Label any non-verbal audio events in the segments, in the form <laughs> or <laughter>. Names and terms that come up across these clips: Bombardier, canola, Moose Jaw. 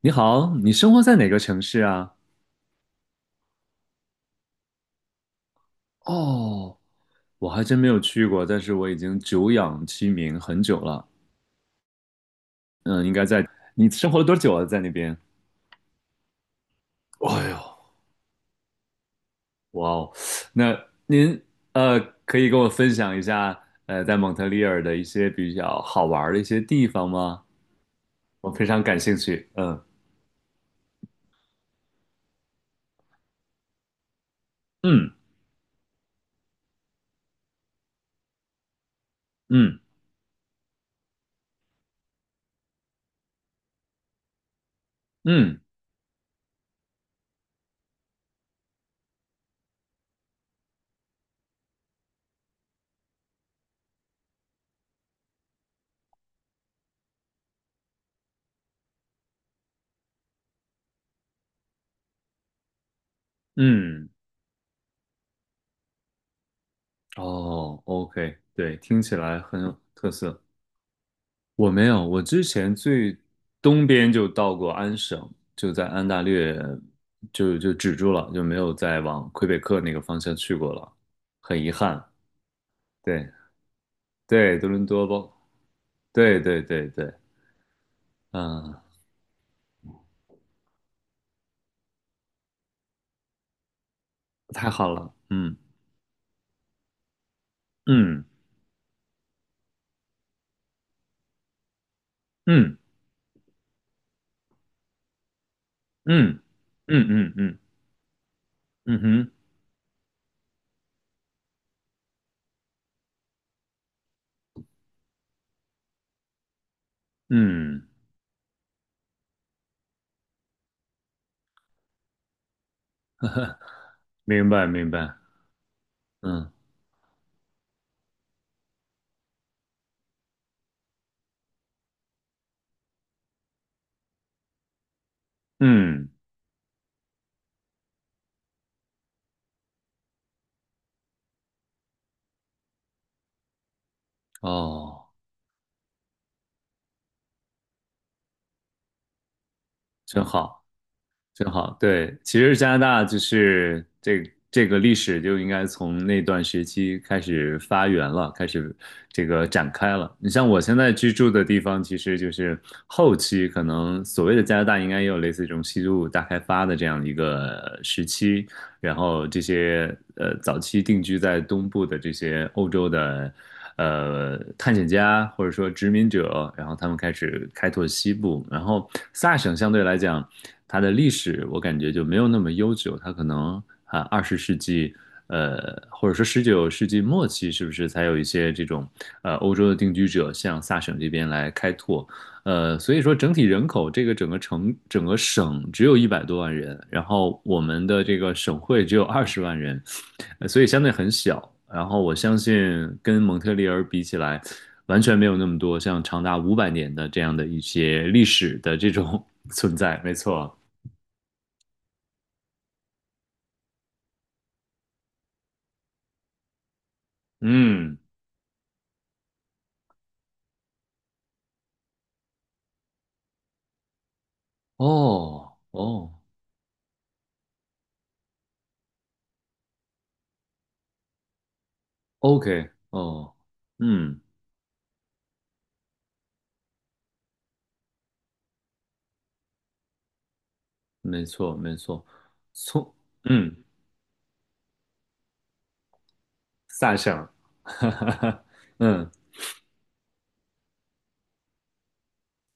你好，你生活在哪个城市啊？哦，我还真没有去过，但是我已经久仰其名很久了。嗯，应该在，你生活了多久了？在那边？哎呦，哇哦，那您呃，可以跟我分享一下在蒙特利尔的一些比较好玩儿的一些地方吗？我非常感兴趣。嗯嗯嗯嗯嗯，哦，OK，对，听起来很有特色。我没有，我之前最东边就到过安省，就在安大略就止住了，就没有再往魁北克那个方向去过了，很遗憾。对对，多伦多包，对对对对，嗯，太好了，嗯嗯嗯嗯嗯嗯嗯嗯哼，嗯，明白明白，嗯嗯，哦，真好。真好，对，其实加拿大就是这个历史就应该从那段时期开始发源了，开始这个展开了。你像我现在居住的地方，其实就是后期可能所谓的加拿大应该也有类似这种西部大开发的这样一个时期，然后这些早期定居在东部的这些欧洲的探险家或者说殖民者，然后他们开始开拓西部，然后萨省相对来讲，它的历史我感觉就没有那么悠久，它可能啊20世纪。呃，或者说19世纪末期，是不是才有一些这种欧洲的定居者向萨省这边来开拓？所以说整体人口这个整个省只有100多万人，然后我们的这个省会只有20万人、所以相对很小。然后我相信跟蒙特利尔比起来，完全没有那么多像长达500年的这样的一些历史的这种 <laughs> 存在。没错，嗯，哦哦，OK，哦，嗯，没错没错，从嗯萨省，<laughs> 哈哈哈，<laughs> 嗯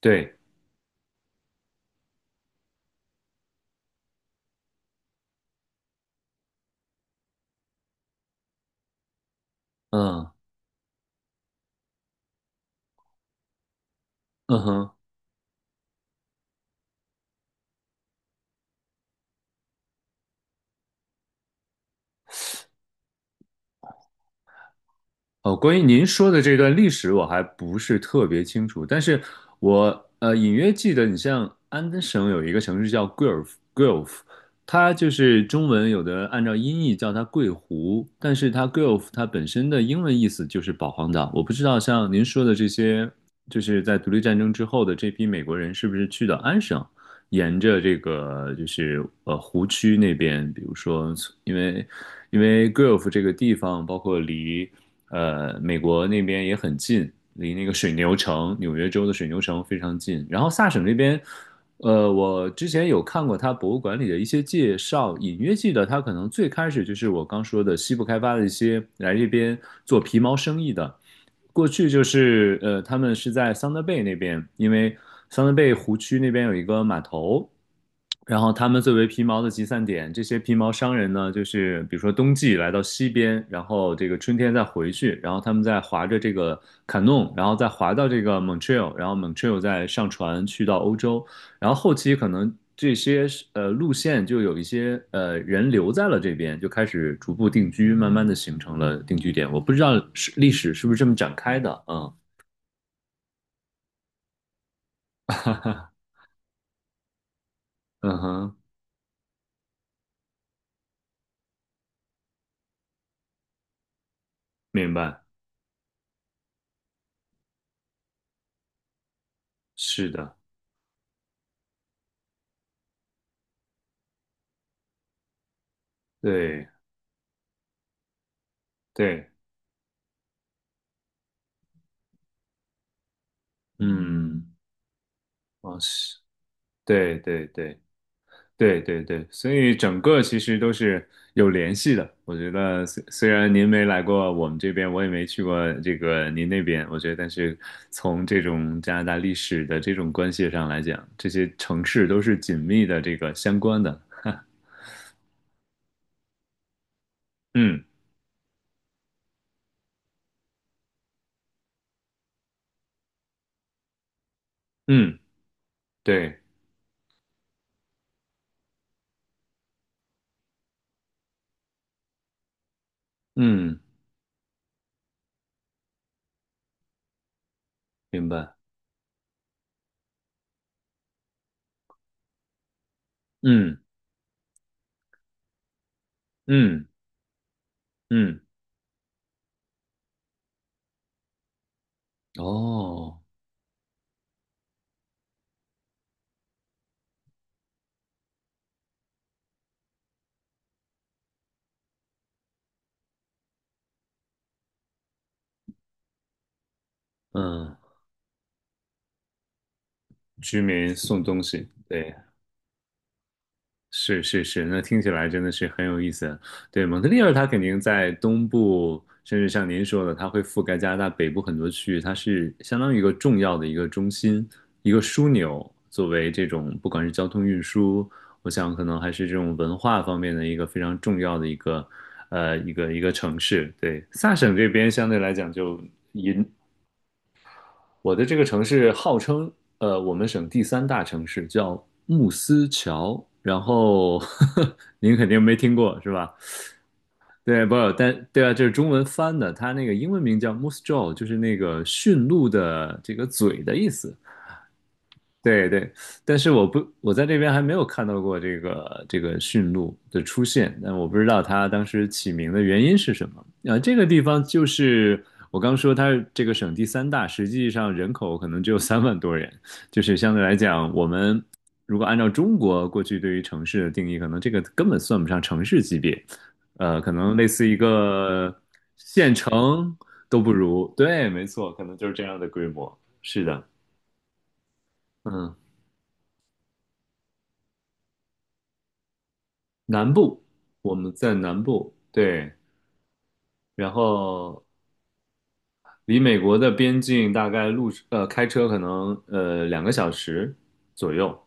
对。嗯，嗯哼，哦，关于您说的这段历史，我还不是特别清楚，但是我隐约记得，你像安登省有一个城市叫 g u e l f Gulf 它就是中文有的按照音译叫它桂湖，但是它 g u e l f 它本身的英文意思就是保皇岛。我不知道像您说的这些，就是在独立战争之后的这批美国人是不是去到安省，沿着这个就是湖区那边，比如说因为因为 g u e l f 这个地方，包括离。美国那边也很近，离那个水牛城，纽约州的水牛城非常近。然后萨省那边我之前有看过他博物馆里的一些介绍，隐约记得他可能最开始就是我刚说的西部开发的一些来这边做皮毛生意的，过去就是他们是在桑德贝那边，因为桑德贝湖区那边有一个码头，然后他们作为皮毛的集散点，这些皮毛商人呢，就是比如说冬季来到西边，然后这个春天再回去，然后他们再划着这个卡弄，然后再划到这个 Montreal，然后 Montreal 再上船去到欧洲，然后后期可能这些路线就有一些人留在了这边，就开始逐步定居，慢慢的形成了定居点。我不知道是历史是不是这么展开的，嗯，<laughs> 嗯哼，明白，是的，对对，嗯，哦，是，对对对。对对对，所以整个其实都是有联系的。我觉得虽然您没来过我们这边，我也没去过这个您那边，我觉得但是从这种加拿大历史的这种关系上来讲，这些城市都是紧密的这个相关的。<laughs> 嗯嗯，对，嗯，明白，嗯嗯嗯，哦，嗯，居民送东西，对。是是是，那听起来真的是很有意思。对，蒙特利尔它肯定在东部，甚至像您说的，它会覆盖加拿大北部很多区域，它是相当于一个重要的一个中心、一个枢纽，作为这种不管是交通运输，我想可能还是这种文化方面的一个非常重要的一个城市。对，萨省这边相对来讲就。银。我的这个城市号称我们省第三大城市，叫慕斯桥。然后呵呵 <laughs> 您肯定没听过是吧？对，不，但对啊，这是中文翻的，它那个英文名叫 Moose Jaw，就是那个驯鹿的这个嘴的意思。对对，但是我不，我在这边还没有看到过这个驯鹿的出现，但我不知道它当时起名的原因是什么。啊、这个地方就是我刚说它是这个省第三大，实际上人口可能只有3万多人，就是相对来讲，我们如果按照中国过去对于城市的定义，可能这个根本算不上城市级别，可能类似一个县城都不如。对，没错，可能就是这样的规模。是的，嗯。南部，我们在南部，对，然后离美国的边境大概开车可能2个小时左右，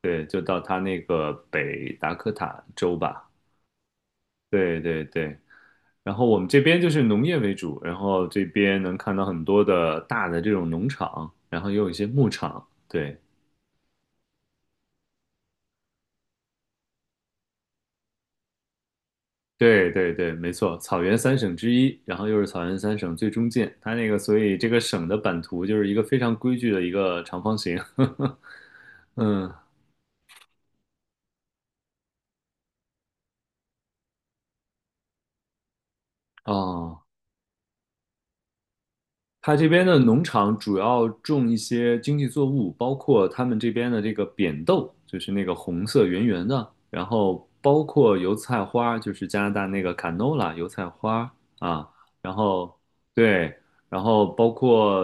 对，就到它那个北达科塔州吧，对对对。然后我们这边就是农业为主，然后这边能看到很多的大的这种农场，然后也有一些牧场，对，对对对，没错，草原三省之一，然后又是草原三省最中间，它那个所以这个省的版图就是一个非常规矩的一个长方形。<laughs> 嗯，哦，它这边的农场主要种一些经济作物，包括他们这边的这个扁豆，就是那个红色圆圆的，然后包括油菜花，就是加拿大那个 canola 油菜花啊，然后对，然后包括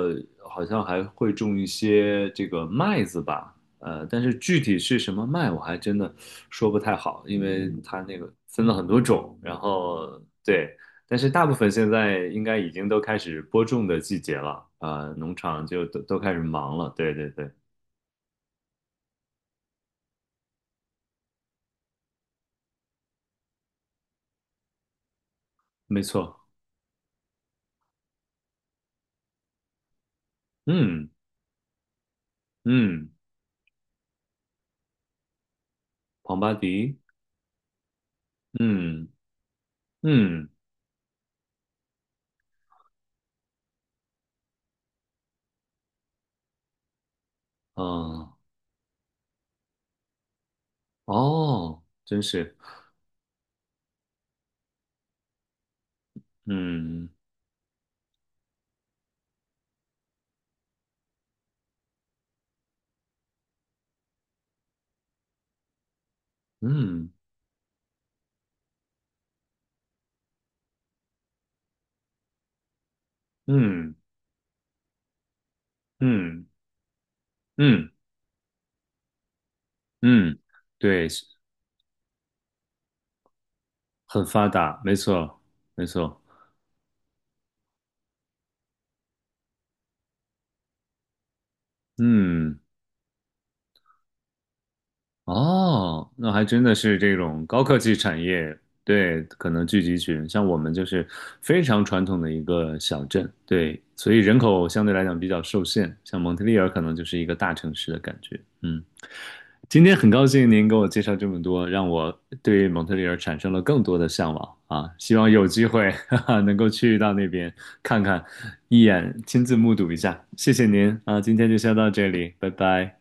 好像还会种一些这个麦子吧，但是具体是什么麦我还真的说不太好，因为它那个分了很多种，然后对。但是大部分现在应该已经都开始播种的季节了，啊、农场就都开始忙了。对对对，没错。嗯嗯，庞巴迪，嗯嗯嗯，哦，真是，嗯嗯嗯嗯嗯嗯，对，很发达，没错没错，嗯。哦，那还真的是这种高科技产业，对，可能聚集群，像我们就是非常传统的一个小镇，对，所以人口相对来讲比较受限，像蒙特利尔可能就是一个大城市的感觉，嗯。今天很高兴您给我介绍这么多，让我对蒙特利尔产生了更多的向往啊！希望有机会 <laughs> 哈哈能够去到那边看看，一眼亲自目睹一下。谢谢您啊，今天就先到这里，拜拜。